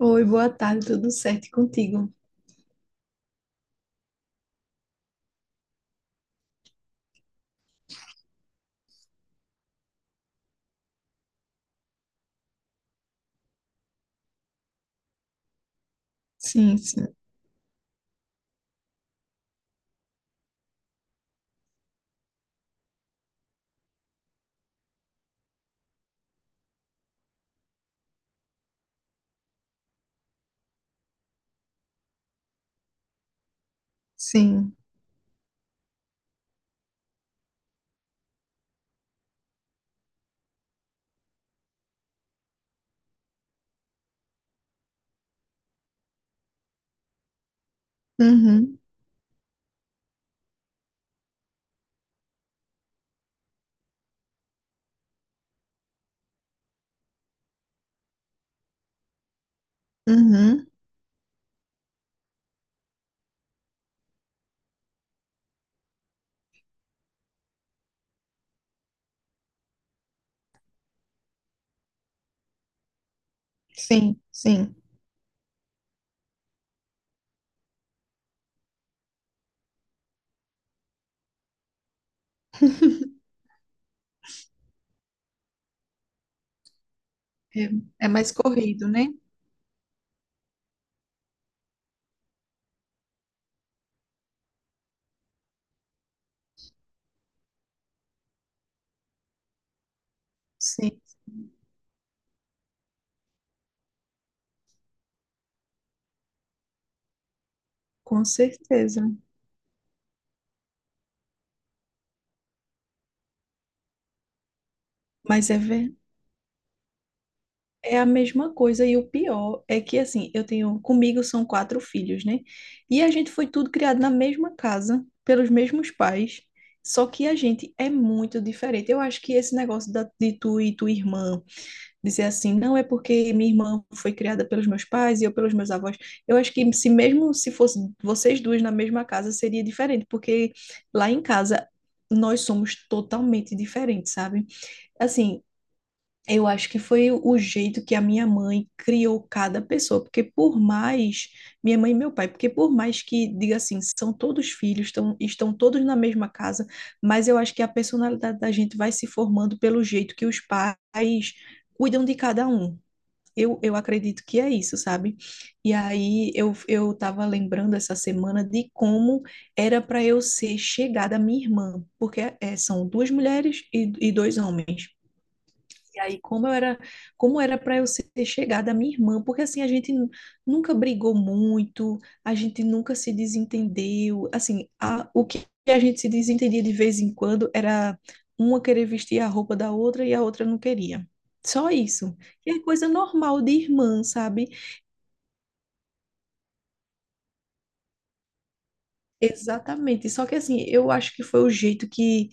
Oi, boa tarde, tudo certo e contigo? Sim, sim, sim. Uhum, uhum. Sim, sim. É, é mais corrido, né? Sim, com certeza. Mas é, ver- É a mesma coisa, e o pior é que, assim, eu tenho, comigo são quatro filhos, né? E a gente foi tudo criado na mesma casa, pelos mesmos pais, só que a gente é muito diferente. Eu acho que esse negócio de tu e tua irmã dizer assim, não é porque minha irmã foi criada pelos meus pais e eu pelos meus avós. Eu acho que se mesmo se fosse vocês duas na mesma casa seria diferente, porque lá em casa nós somos totalmente diferentes, sabe? Assim, eu acho que foi o jeito que a minha mãe criou cada pessoa, porque por mais minha mãe e meu pai, porque por mais que diga assim, são todos filhos, estão todos na mesma casa, mas eu acho que a personalidade da gente vai se formando pelo jeito que os pais cuidam de cada um. Eu acredito que é isso, sabe? E aí eu tava lembrando essa semana de como era para eu ser chegada à minha irmã, porque é, são duas mulheres e dois homens. E aí, como eu era, como era para eu ser chegada à minha irmã, porque assim nunca brigou muito, a gente nunca se desentendeu. Assim, o que a gente se desentendia de vez em quando era uma querer vestir a roupa da outra e a outra não queria. Só isso. E é coisa normal de irmã, sabe? Exatamente. Só que assim, eu acho que foi o jeito que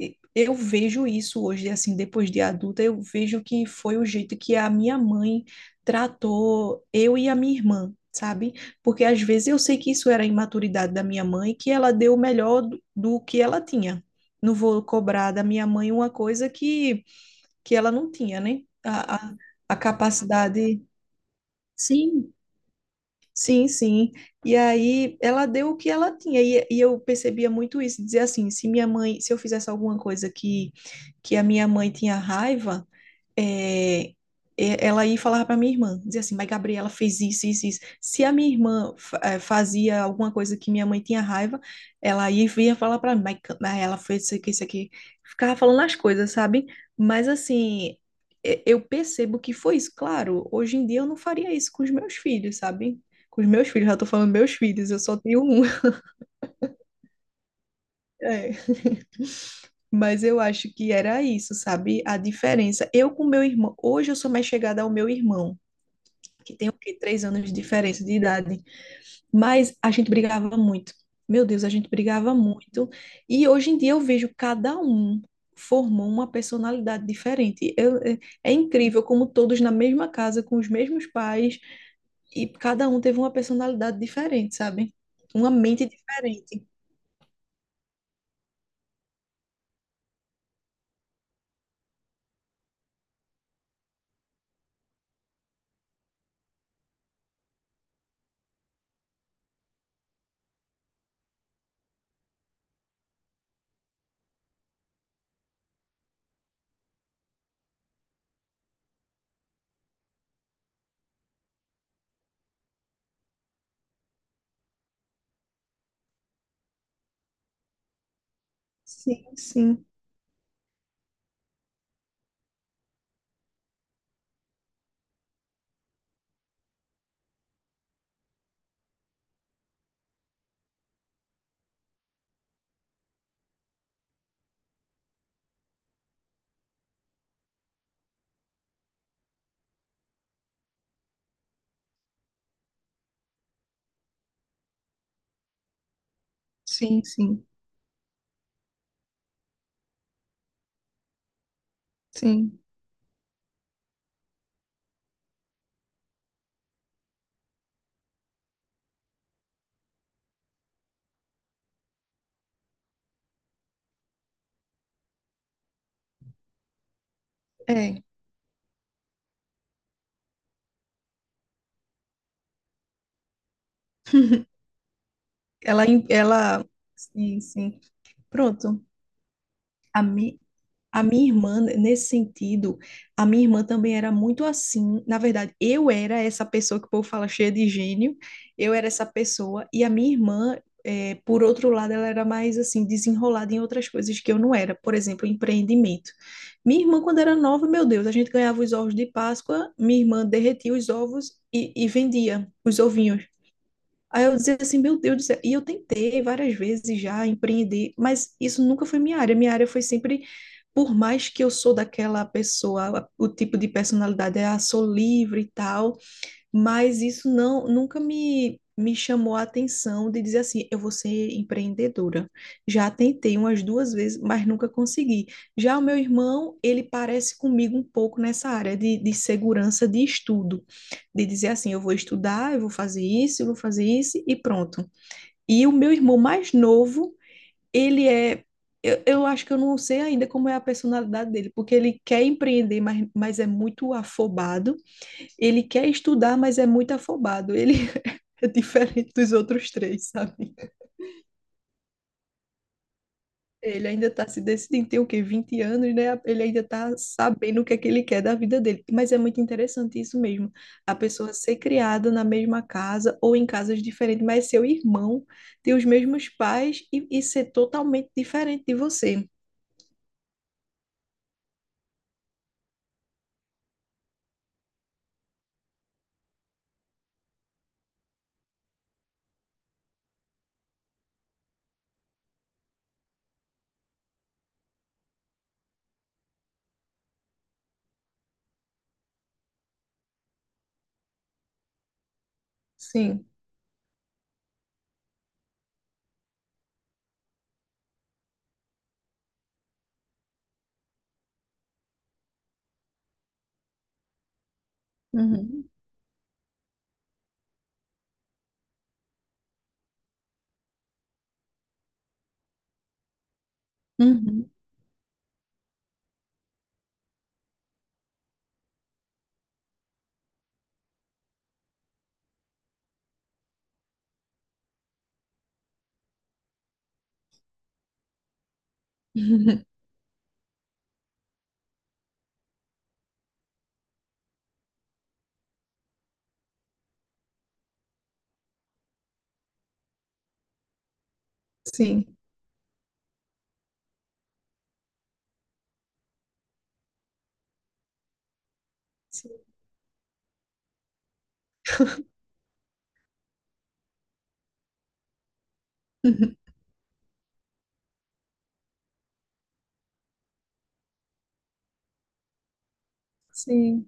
E eu vejo isso hoje, assim, depois de adulta, eu vejo que foi o jeito que a minha mãe tratou eu e a minha irmã, sabe? Porque às vezes eu sei que isso era a imaturidade da minha mãe, que ela deu o melhor do que ela tinha. Não vou cobrar da minha mãe uma coisa que ela não tinha, né? A capacidade. Sim, sim, sim. E aí ela deu o que ela tinha. E eu percebia muito isso, dizer assim, se minha mãe, se eu fizesse alguma coisa que a minha mãe tinha raiva, é, ela ia falar para minha irmã, dizia assim, mas Gabriela fez isso, isso, isso. Se a minha irmã fazia alguma coisa que minha mãe tinha raiva, ela ia vir e ia falar para mim, mas ela fez isso aqui, isso aqui. Ficava falando as coisas, sabe? Mas assim, eu percebo que foi isso. Claro, hoje em dia eu não faria isso com os meus filhos, sabe? Com os meus filhos, já tô falando meus filhos, eu só tenho um. É. Mas eu acho que era isso, sabe? A diferença. Eu com meu irmão, hoje eu sou mais chegada ao meu irmão, que tem o quê? 3 anos de diferença de idade. Mas a gente brigava muito. Meu Deus, a gente brigava muito. E hoje em dia eu vejo cada um formou uma personalidade diferente. Eu, é, é incrível como todos na mesma casa, com os mesmos pais, e cada um teve uma personalidade diferente, sabe? Uma mente diferente. Sim, sim. Sim, sim, sim. É, ela, ela, sim, sim. Pronto. A, mi, a minha irmã, né, nesse sentido, a minha irmã também era muito assim. Na verdade, eu era essa pessoa que o povo fala cheia de gênio. Eu era essa pessoa. E a minha irmã, é, por outro lado, ela era mais assim, desenrolada em outras coisas que eu não era. Por exemplo, empreendimento. Minha irmã, quando era nova, meu Deus, a gente ganhava os ovos de Páscoa, minha irmã derretia os ovos e vendia os ovinhos. Aí eu dizia assim, meu Deus do céu. E eu tentei várias vezes já empreender, mas isso nunca foi minha área. Minha área foi sempre, por mais que eu sou daquela pessoa, o tipo de personalidade é, ah, sou livre e tal, mas isso não, nunca me chamou a atenção de dizer assim, eu vou ser empreendedora. Já tentei umas duas vezes, mas nunca consegui. Já o meu irmão, ele parece comigo um pouco nessa área de segurança de estudo, de dizer assim, eu vou estudar, eu vou fazer isso, eu vou fazer isso e pronto. E o meu irmão mais novo, ele é eu acho que eu não sei ainda como é a personalidade dele, porque ele quer empreender, mas é muito afobado. Ele quer estudar, mas é muito afobado. Ele é diferente dos outros três, sabe? Ele ainda está se decidindo, tem o quê? 20 anos, né? Ele ainda está sabendo o que é que ele quer da vida dele. Mas é muito interessante isso mesmo. A pessoa ser criada na mesma casa ou em casas diferentes, mas seu irmão ter os mesmos pais e ser totalmente diferente de você. Sim. Uhum. Uhum. Sim. Sim. Sim.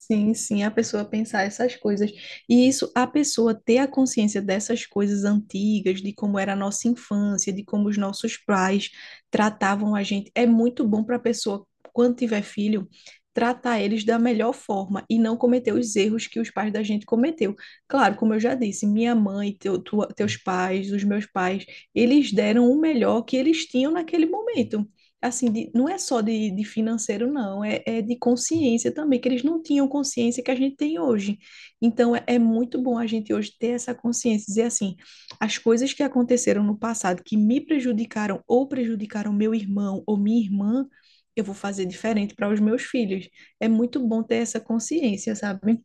Sim, sim, a pessoa pensar essas coisas. E isso, a pessoa ter a consciência dessas coisas antigas, de como era a nossa infância, de como os nossos pais tratavam a gente, é muito bom para a pessoa, quando tiver filho, tratar eles da melhor forma e não cometer os erros que os pais da gente cometeu. Claro, como eu já disse, minha mãe, teus pais, os meus pais, eles deram o melhor que eles tinham naquele momento assim, não é só de financeiro, não, é, é de consciência também, que eles não tinham consciência que a gente tem hoje. Então, é, é muito bom a gente hoje ter essa consciência, dizer assim, as coisas que aconteceram no passado que me prejudicaram ou prejudicaram meu irmão ou minha irmã, eu vou fazer diferente para os meus filhos. É muito bom ter essa consciência, sabe?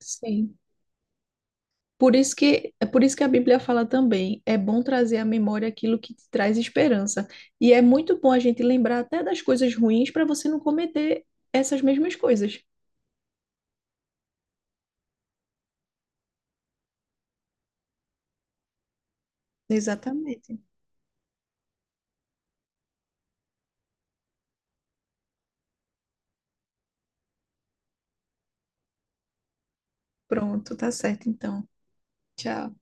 Sim. Por isso que, é por isso que a Bíblia fala também, é bom trazer à memória aquilo que te traz esperança. E é muito bom a gente lembrar até das coisas ruins para você não cometer essas mesmas coisas. Exatamente. Pronto, tá certo então. Tchau.